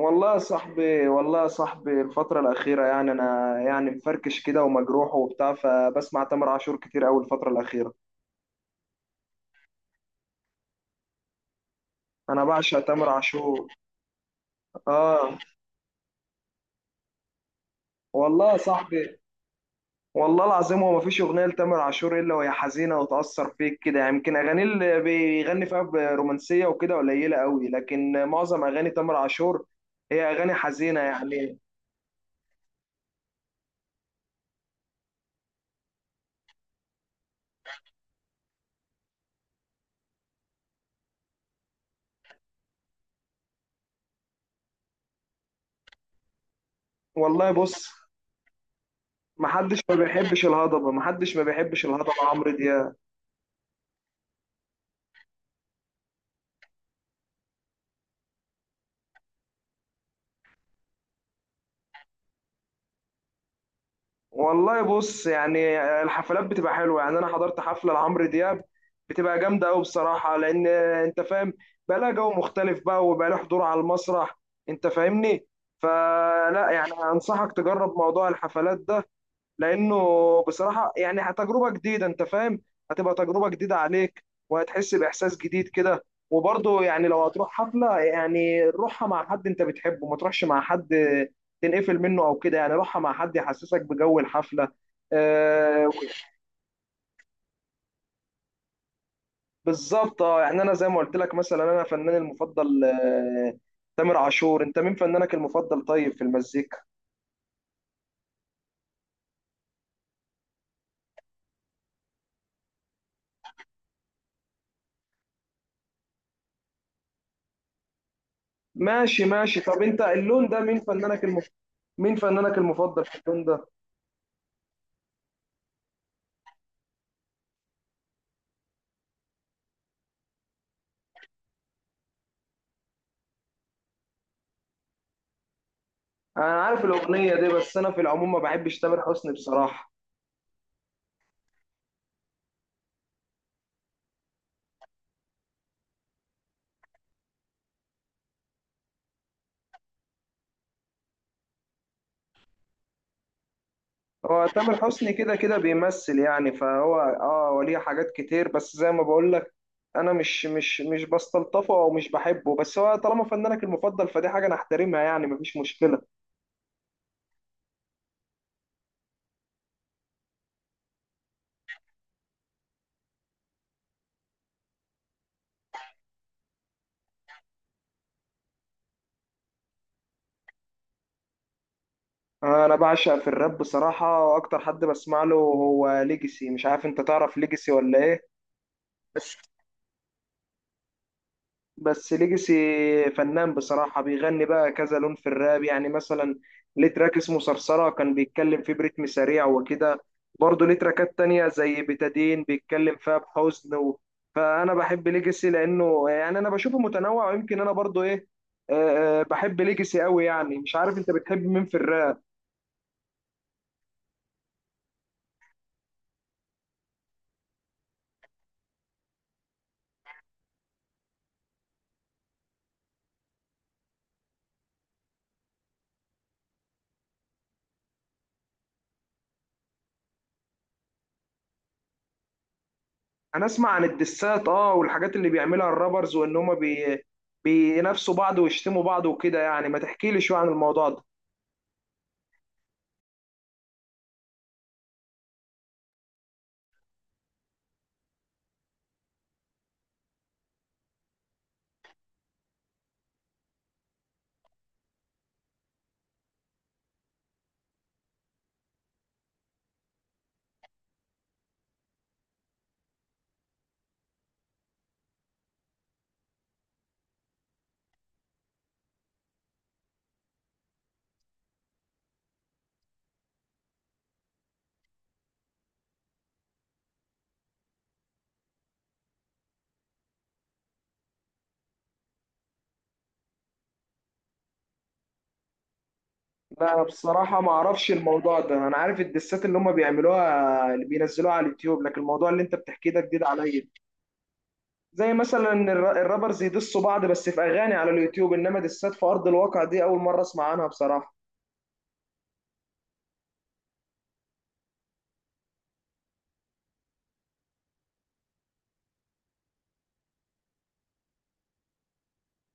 والله يا صاحبي، الفترة الأخيرة يعني أنا يعني مفركش كده ومجروح وبتاع، فبسمع تامر عاشور كتير أوي الفترة الأخيرة. أنا بعشق تامر عاشور. آه. والله يا صاحبي، والله العظيم هو مفيش أغنية لتامر عاشور إلا وهي حزينة وتأثر فيك كده يعني. يمكن أغانيه اللي بيغني فيها برومانسية وكده قليلة أوي، لكن معظم أغاني تامر عاشور هي أغاني حزينة يعني. والله بص، محدش ما بيحبش الهضبة، محدش ما بيحبش الهضبة عمرو دياب. والله بص، يعني الحفلات بتبقى حلوه، يعني انا حضرت حفله لعمرو دياب، بتبقى جامده قوي بصراحه، لان انت فاهم، بقى لها جو مختلف بقى وبقى لها حضور على المسرح، انت فاهمني. فلا يعني انصحك تجرب موضوع الحفلات ده، لانه بصراحه يعني تجربه جديده، انت فاهم، هتبقى تجربه جديده عليك وهتحس باحساس جديد كده. وبرضه يعني لو هتروح حفله يعني روحها مع حد انت بتحبه، ما تروحش مع حد تنقفل منه او كده، يعني روحها مع حد يحسسك بجو الحفله. آه. بالظبط، يعني انا زي ما قلت لك مثلا انا فناني المفضل تامر عاشور. انت مين فنانك المفضل طيب في المزيكا؟ ماشي ماشي، طب انت اللون ده مين فنانك المفضل في اللون ده؟ انا عارف الاغنيه دي، بس انا في العموم ما بحبش تامر حسني بصراحه. هو تامر حسني كده كده بيمثل يعني، فهو وليه حاجات كتير، بس زي ما بقول لك انا مش بستلطفه او مش بحبه، بس هو طالما فنانك المفضل فدي حاجه انا احترمها، يعني مفيش مشكله. انا بعشق في الراب بصراحه، واكتر حد بسمع له هو ليجسي، مش عارف انت تعرف ليجسي ولا ايه. بس ليجاسي فنان بصراحة، بيغني بقى كذا لون في الراب، يعني مثلا ليه تراك اسمه صرصرة كان بيتكلم فيه بريتم سريع وكده. برضه ليه تراكات تانية زي بتادين بيتكلم فيها بحزن و... فأنا بحب ليجاسي لأنه يعني أنا بشوفه متنوع، ويمكن أنا برضه إيه، بحب ليجاسي قوي. يعني مش عارف أنت بتحب مين في الراب؟ أنا أسمع عن الدسات والحاجات اللي بيعملها الرابرز، وإن هما بينافسوا بعض ويشتموا بعض وكده، يعني ما تحكيلي شوية عن الموضوع ده. لا انا بصراحه ما اعرفش الموضوع ده، انا عارف الدسات اللي هم بيعملوها اللي بينزلوها على اليوتيوب، لكن الموضوع اللي انت بتحكيه ده جديد عليا. زي مثلا الرابرز يدسوا بعض بس في اغاني على اليوتيوب، انما دسات في ارض الواقع دي اول مره اسمع عنها بصراحه.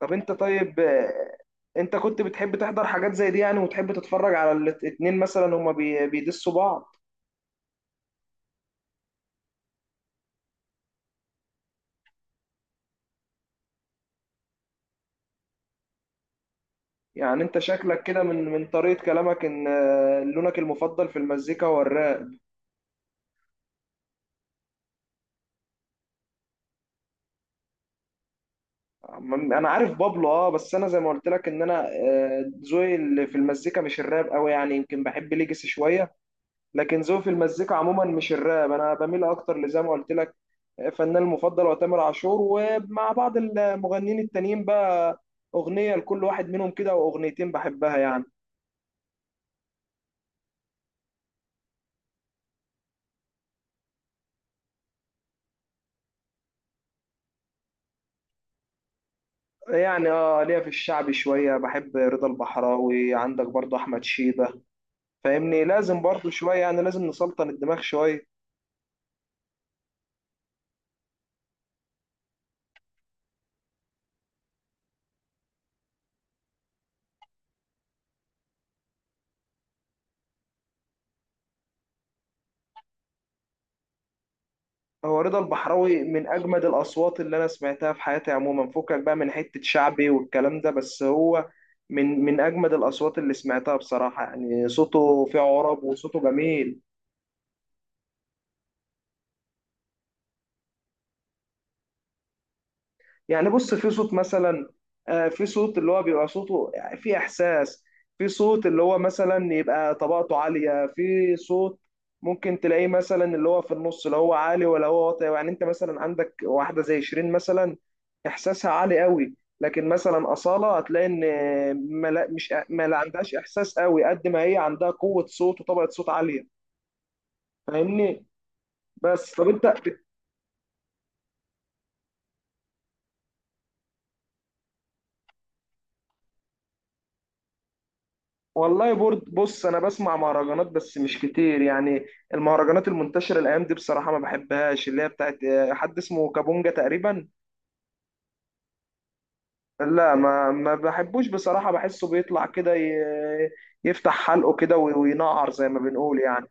طب انت طيب، انت كنت بتحب تحضر حاجات زي دي يعني، وتحب تتفرج على الاتنين مثلا هم بيدسوا بعض؟ يعني انت شكلك كده من طريقه كلامك ان لونك المفضل في المزيكا هو الراب. انا عارف بابلو بس انا زي ما قلت لك ان انا ذوقي اللي في المزيكا مش الراب قوي، يعني يمكن بحب ليجاسي شويه. لكن ذوقي في المزيكا عموما مش الراب، انا بميل اكتر لزي ما قلت لك، فنان المفضل هو تامر عاشور، ومع بعض المغنيين التانيين بقى اغنيه لكل واحد منهم كده واغنيتين بحبها يعني. يعني ليا في الشعبي شويه، بحب رضا البحراوي، عندك برضو احمد شيبه. فاهمني لازم برضو شويه، يعني لازم نسلطن الدماغ شويه. هو رضا البحراوي من اجمد الاصوات اللي انا سمعتها في حياتي عموما، فكك بقى من حته شعبي والكلام ده، بس هو من اجمد الاصوات اللي سمعتها بصراحه، يعني صوته فيه عرب وصوته جميل. يعني بص في صوت مثلا، في صوت اللي هو بيبقى صوته يعني في احساس، في صوت اللي هو مثلا يبقى طبقته عاليه، في صوت ممكن تلاقيه مثلا اللي هو في النص لا هو عالي ولا هو واطي. يعني انت مثلا عندك واحده زي شيرين مثلا، احساسها عالي قوي. لكن مثلا اصاله هتلاقي ان ما لا مش ما لا عندهاش احساس قوي قد ما هي عندها قوه صوت وطبقه صوت عاليه، فاهمني. بس طب انت، والله برد بص انا بسمع مهرجانات بس مش كتير يعني. المهرجانات المنتشره الايام دي بصراحه ما بحبهاش، اللي هي بتاعت حد اسمه كابونجا تقريبا. لا، ما بحبوش بصراحه، بحسه بيطلع كده يفتح حلقه كده وينقر زي ما بنقول يعني.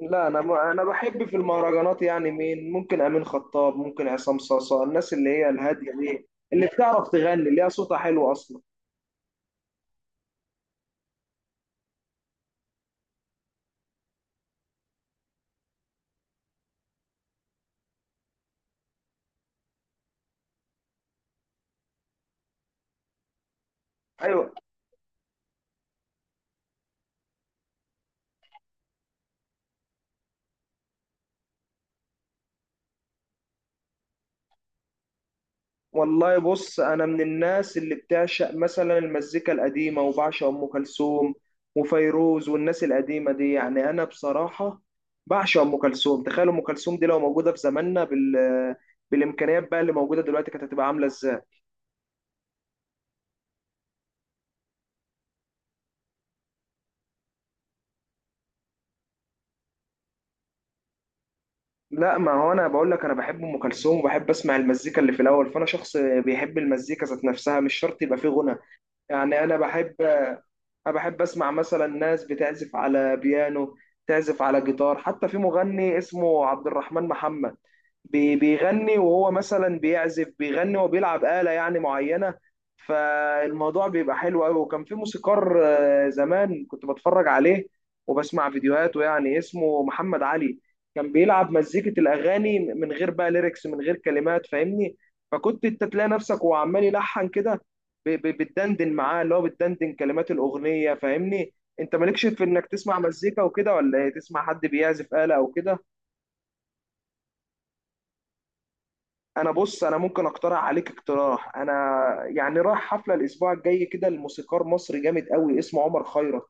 لا انا انا بحب في المهرجانات يعني مين، ممكن امين خطاب، ممكن عصام صاصا، الناس اللي هي الهاديه دي اللي بتعرف تغني اللي هي صوتها حلو اصلا. ايوه. والله بص، انا من الناس اللي بتعشق مثلا المزيكا القديمه، وبعشق ام كلثوم وفيروز والناس القديمه دي يعني. انا بصراحه بعشق ام كلثوم، تخيل ام كلثوم دي لو موجوده في زماننا بالامكانيات بقى اللي موجوده دلوقتي، كانت هتبقى عامله ازاي. لا ما هو انا بقول لك انا بحب ام كلثوم وبحب اسمع المزيكا اللي في الاول، فانا شخص بيحب المزيكا ذات نفسها، مش شرط يبقى فيه غنى. يعني انا بحب اسمع مثلا ناس بتعزف على بيانو، تعزف على جيتار. حتى في مغني اسمه عبد الرحمن محمد بيغني، وهو مثلا بيعزف بيغني وبيلعب آلة يعني معينة، فالموضوع بيبقى حلو قوي. وكان في موسيقار زمان كنت بتفرج عليه وبسمع فيديوهاته، يعني اسمه محمد علي، كان بيلعب مزيكة الأغاني من غير بقى ليركس، من غير كلمات، فاهمني. فكنت انت تلاقي نفسك وهو عمال يلحن كده بتدندن معاه، اللي هو بتدندن كلمات الاغنيه، فاهمني. انت مالكش في انك تسمع مزيكا وكده ولا إيه؟ تسمع حد بيعزف آلة او كده. انا بص انا ممكن اقترح عليك اقتراح، انا يعني رايح حفله الاسبوع الجاي كده لموسيقار مصري جامد قوي اسمه عمر خيرت،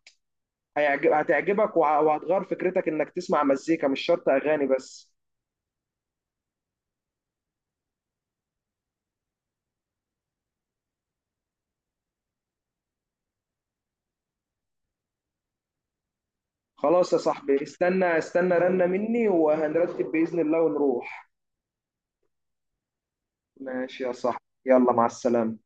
هتعجبك وهتغير فكرتك انك تسمع مزيكا مش شرط اغاني بس. خلاص يا صاحبي، استنى استنى رنة مني وهنرتب بإذن الله ونروح. ماشي يا صاحبي، يلا مع السلامة.